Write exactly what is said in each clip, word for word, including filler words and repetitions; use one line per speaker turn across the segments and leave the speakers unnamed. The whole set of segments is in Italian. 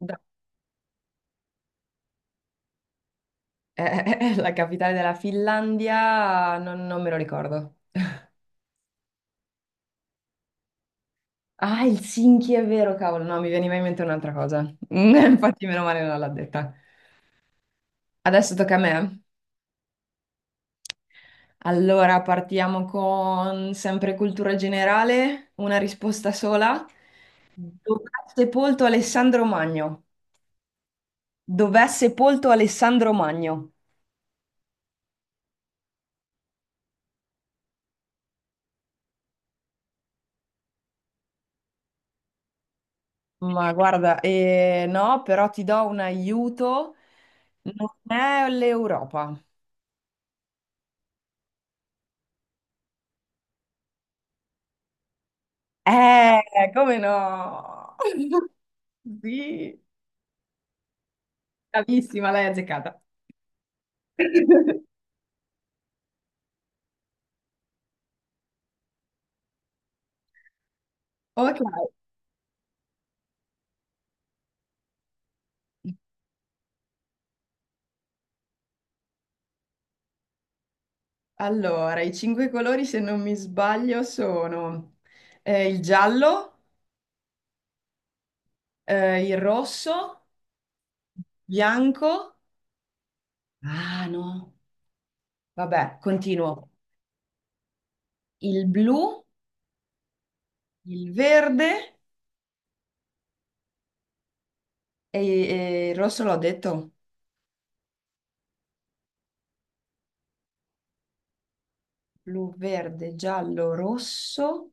Da- è è- è la capitale della Finlandia, non, non me lo ricordo. Ah, Helsinki, è vero, cavolo, no, mi veniva in mente un'altra cosa. Infatti, meno male non l'ha detta. Adesso tocca a me. Allora, partiamo con sempre cultura generale, una risposta sola. Dov'è sepolto Alessandro Magno? Dov'è sepolto Alessandro Magno? Ma guarda, eh, no, però ti do un aiuto. Non è l'Europa. Eh, come no? Sì, bravissima, l'hai azzeccata. Ok, allora, i cinque colori, se non mi sbaglio, sono eh, il giallo, eh, il rosso, bianco. Ah, no. Vabbè, continuo. Il blu, il verde e, e il rosso l'ho detto. Blu, verde, giallo, rosso,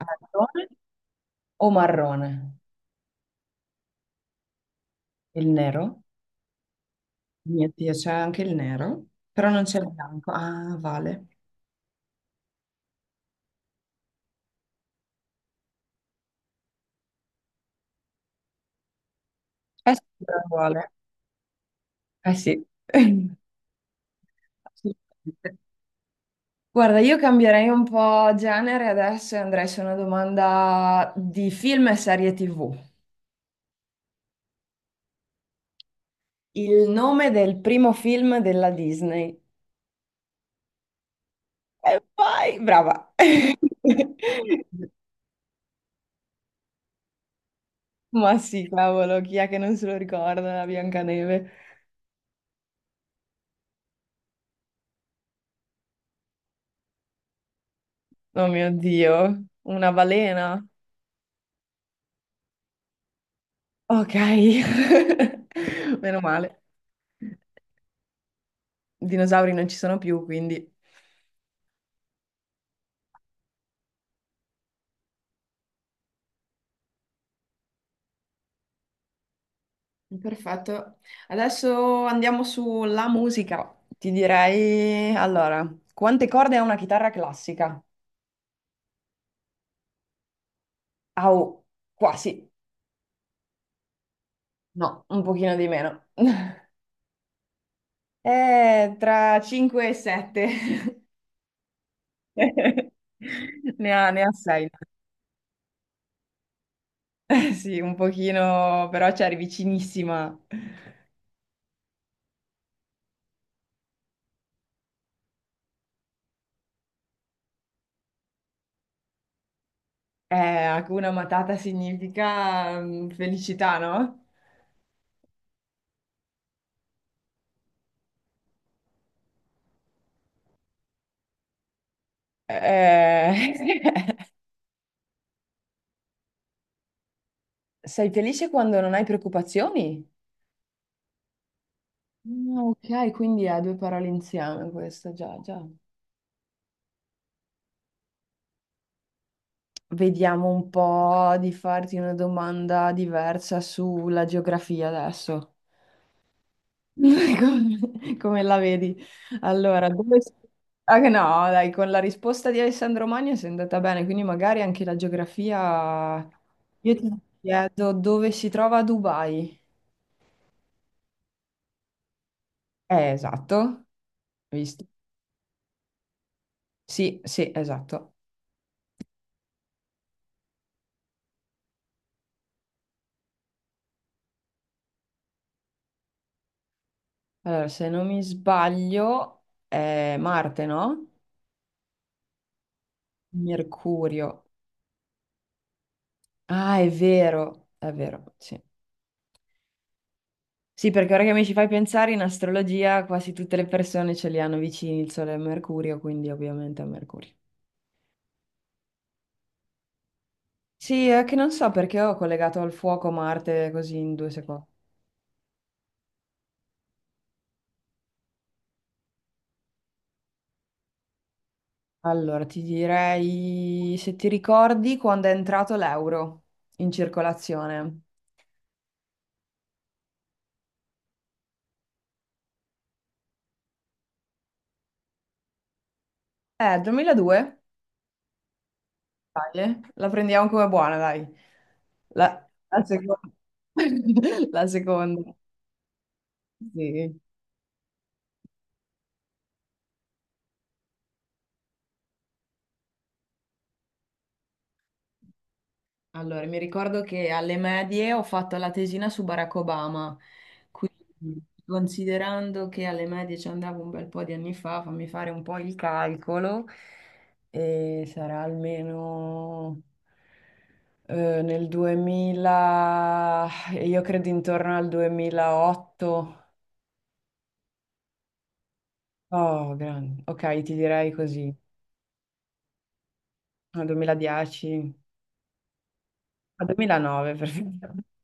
marrone o marrone? Il nero? Mio Dio, c'è anche il nero, però non c'è il bianco. Ah, vale. Eh sì. Allora Vale. Eh sì. Assolutamente. Guarda, io cambierei un po' genere adesso e andrei su una domanda di film e serie ti vu. Il nome del primo film della Disney. E poi, brava. Ma sì, cavolo, chi è che non se lo ricorda? Biancaneve. Oh mio Dio, una balena. Ok, meno male. Dinosauri non ci sono più, quindi... Perfetto. Adesso andiamo sulla musica. Ti direi, allora, quante corde ha una chitarra classica? Au, quasi. No, un pochino di meno. Eh, tra cinque e sette. Ne ha, ne ha sei. Sì, un pochino, però c'eri vicinissima. Eh, Hakuna Matata significa mm, felicità, no? Eh, Sei felice quando non hai preoccupazioni? Ah, ok, quindi è due parole insieme questa, già, già. Vediamo un po' di farti una domanda diversa sulla geografia adesso. Come, come la vedi? Allora, dove... Ah, che no, dai, con la risposta di Alessandro Magno sei andata bene, quindi magari anche la geografia... Io ti chiedo dove si trova Dubai. Eh, esatto, visto? Sì, sì, esatto. Allora, se non mi sbaglio, è Marte, no? Mercurio. Ah, è vero, è vero, sì. Sì, perché ora che mi ci fai pensare, in astrologia quasi tutte le persone ce li hanno vicini il Sole e Mercurio, quindi ovviamente è Mercurio. Sì, è che non so perché ho collegato al fuoco Marte così in due secondi. Allora, ti direi se ti ricordi quando è entrato l'euro in circolazione. Eh, duemiladue? Dai, eh, La prendiamo come buona, dai. La, la seconda. La seconda. Sì. Allora, mi ricordo che alle medie ho fatto la tesina su Barack Obama, quindi considerando che alle medie ci andavo un bel po' di anni fa, fammi fare un po' il calcolo, e sarà almeno eh, nel duemila, io credo intorno al duemilaotto. Oh, grande. Ok, ti direi così, al duemiladieci, al duemilanove perfetto.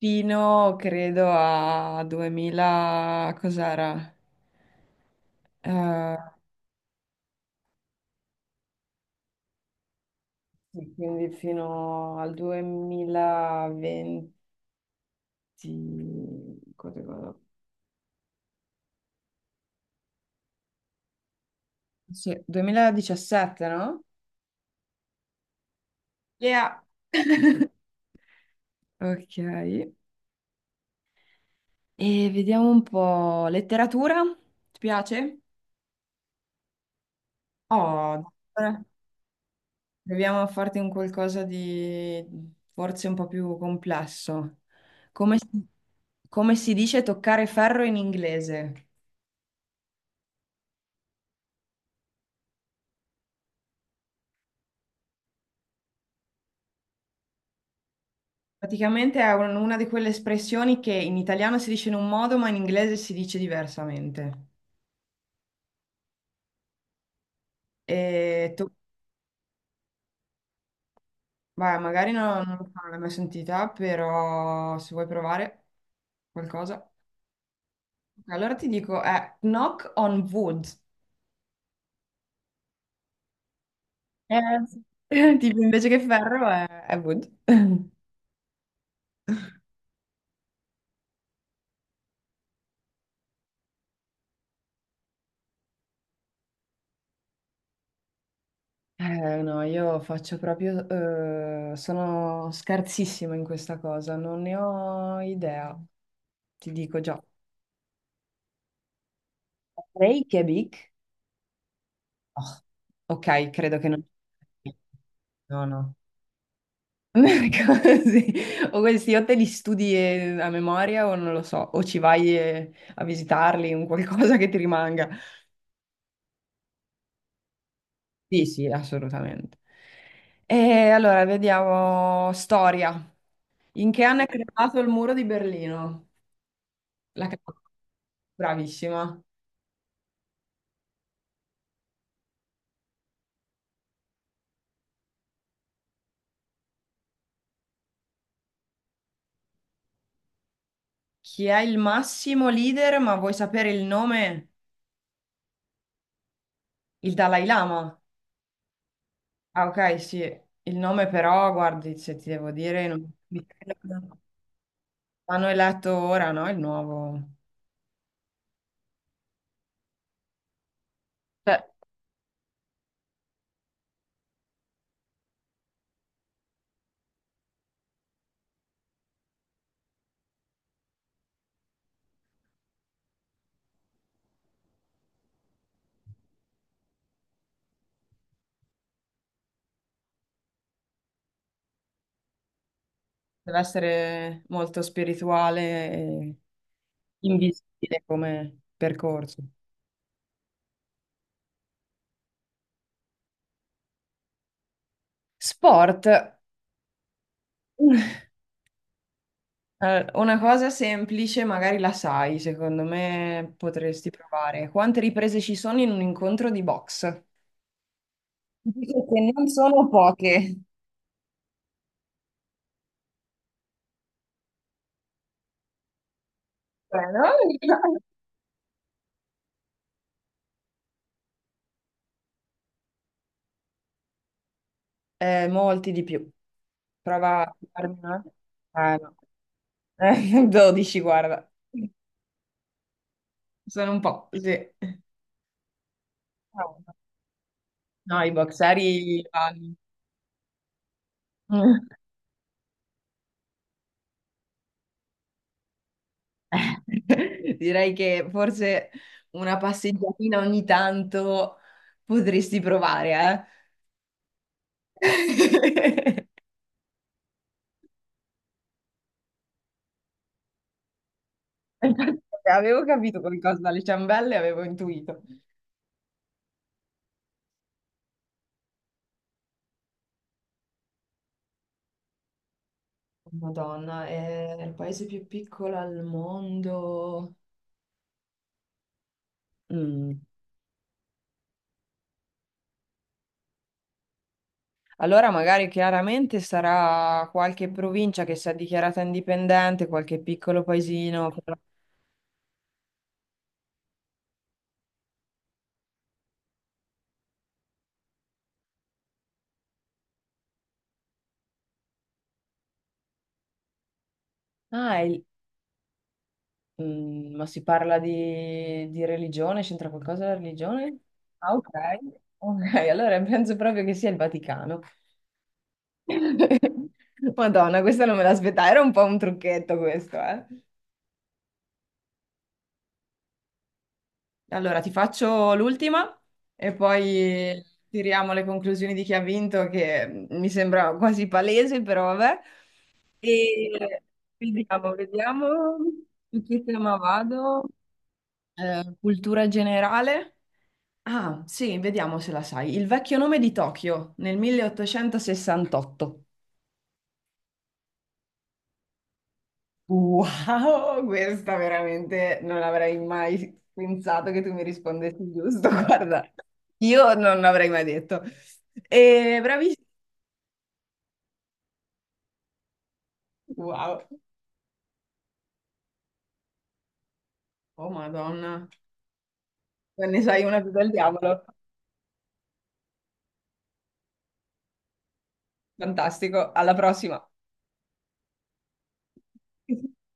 Fino, credo, a duemila, cos'era? Eh, sì, quindi fino al duemilaventi, quando- quando- sì, duemiladiciassette, no? Yeah. Ok, e vediamo un po'. Letteratura? Ti piace? Oh, Eh, Proviamo a farti un qualcosa di forse un po' più complesso. Come si, come si dice toccare ferro in inglese? Praticamente è un- una di quelle espressioni che in italiano si dice in un modo, ma in inglese si dice diversamente. E tu, vai, magari no- non, l'hai mai sentita, però se vuoi provare qualcosa. Ok, allora ti dico, è knock on wood. Eh, sì. Tipo, invece che ferro è, è wood. Eh, no, io faccio proprio... eh, sono scarsissima in questa cosa, non ne ho idea, ti dico già. Reykjavik? Oh, ok, credo che non... No, no. Così. O questi o te li studi eh, a memoria o non lo so, o ci vai eh, a visitarli, un qualcosa che ti rimanga. Sì, sì, assolutamente. E allora, vediamo storia. In che anno è creato il muro di Berlino? La ca- Bravissima. Chi è il massimo leader, ma vuoi sapere il nome? Il Dalai Lama. Ah, ok, sì, il nome però, guardi, se ti devo dire, non... Mi credo che l'hanno eletto ora, no? Il nuovo. Cioè, deve essere molto spirituale e invisibile come percorso. Sport. Eh, Una cosa semplice, magari la sai, secondo me potresti provare. Quante riprese ci sono in un incontro di box? Dico che non sono poche. Eh, no? Eh, molti di più. Prova a farmi una. Eh, no. Eh, dodici, guarda. Sono un po' così. No, no, i boxeri vanno. Eh, direi che forse una passeggiatina ogni tanto potresti provare, eh? Infatti, avevo capito qualcosa dalle ciambelle, avevo intuito. Madonna, è il paese più piccolo al mondo. Mm. Allora magari chiaramente sarà qualche provincia che si è dichiarata indipendente, qualche piccolo paesino. Che- Ah, è il- mm, ma si parla di, di religione? C'entra qualcosa la religione? Ah, ok. Ok, allora penso proprio che sia il Vaticano. Madonna, questa non me l'aspettavo, era un po' un trucchetto questo, eh. Allora, ti faccio l'ultima e poi tiriamo le conclusioni di chi ha vinto, che mi sembra quasi palese, però vabbè. E vediamo, vediamo su che tema vado. Eh, cultura generale. Ah, sì, vediamo se la sai. Il vecchio nome di Tokyo nel milleottocentosessantotto. Wow, questa veramente non avrei mai pensato che tu mi rispondessi giusto. Guarda, io non l'avrei mai detto. E bravissimo. Wow. Oh, Madonna. Non ne sai una più del diavolo. Fantastico. Alla prossima.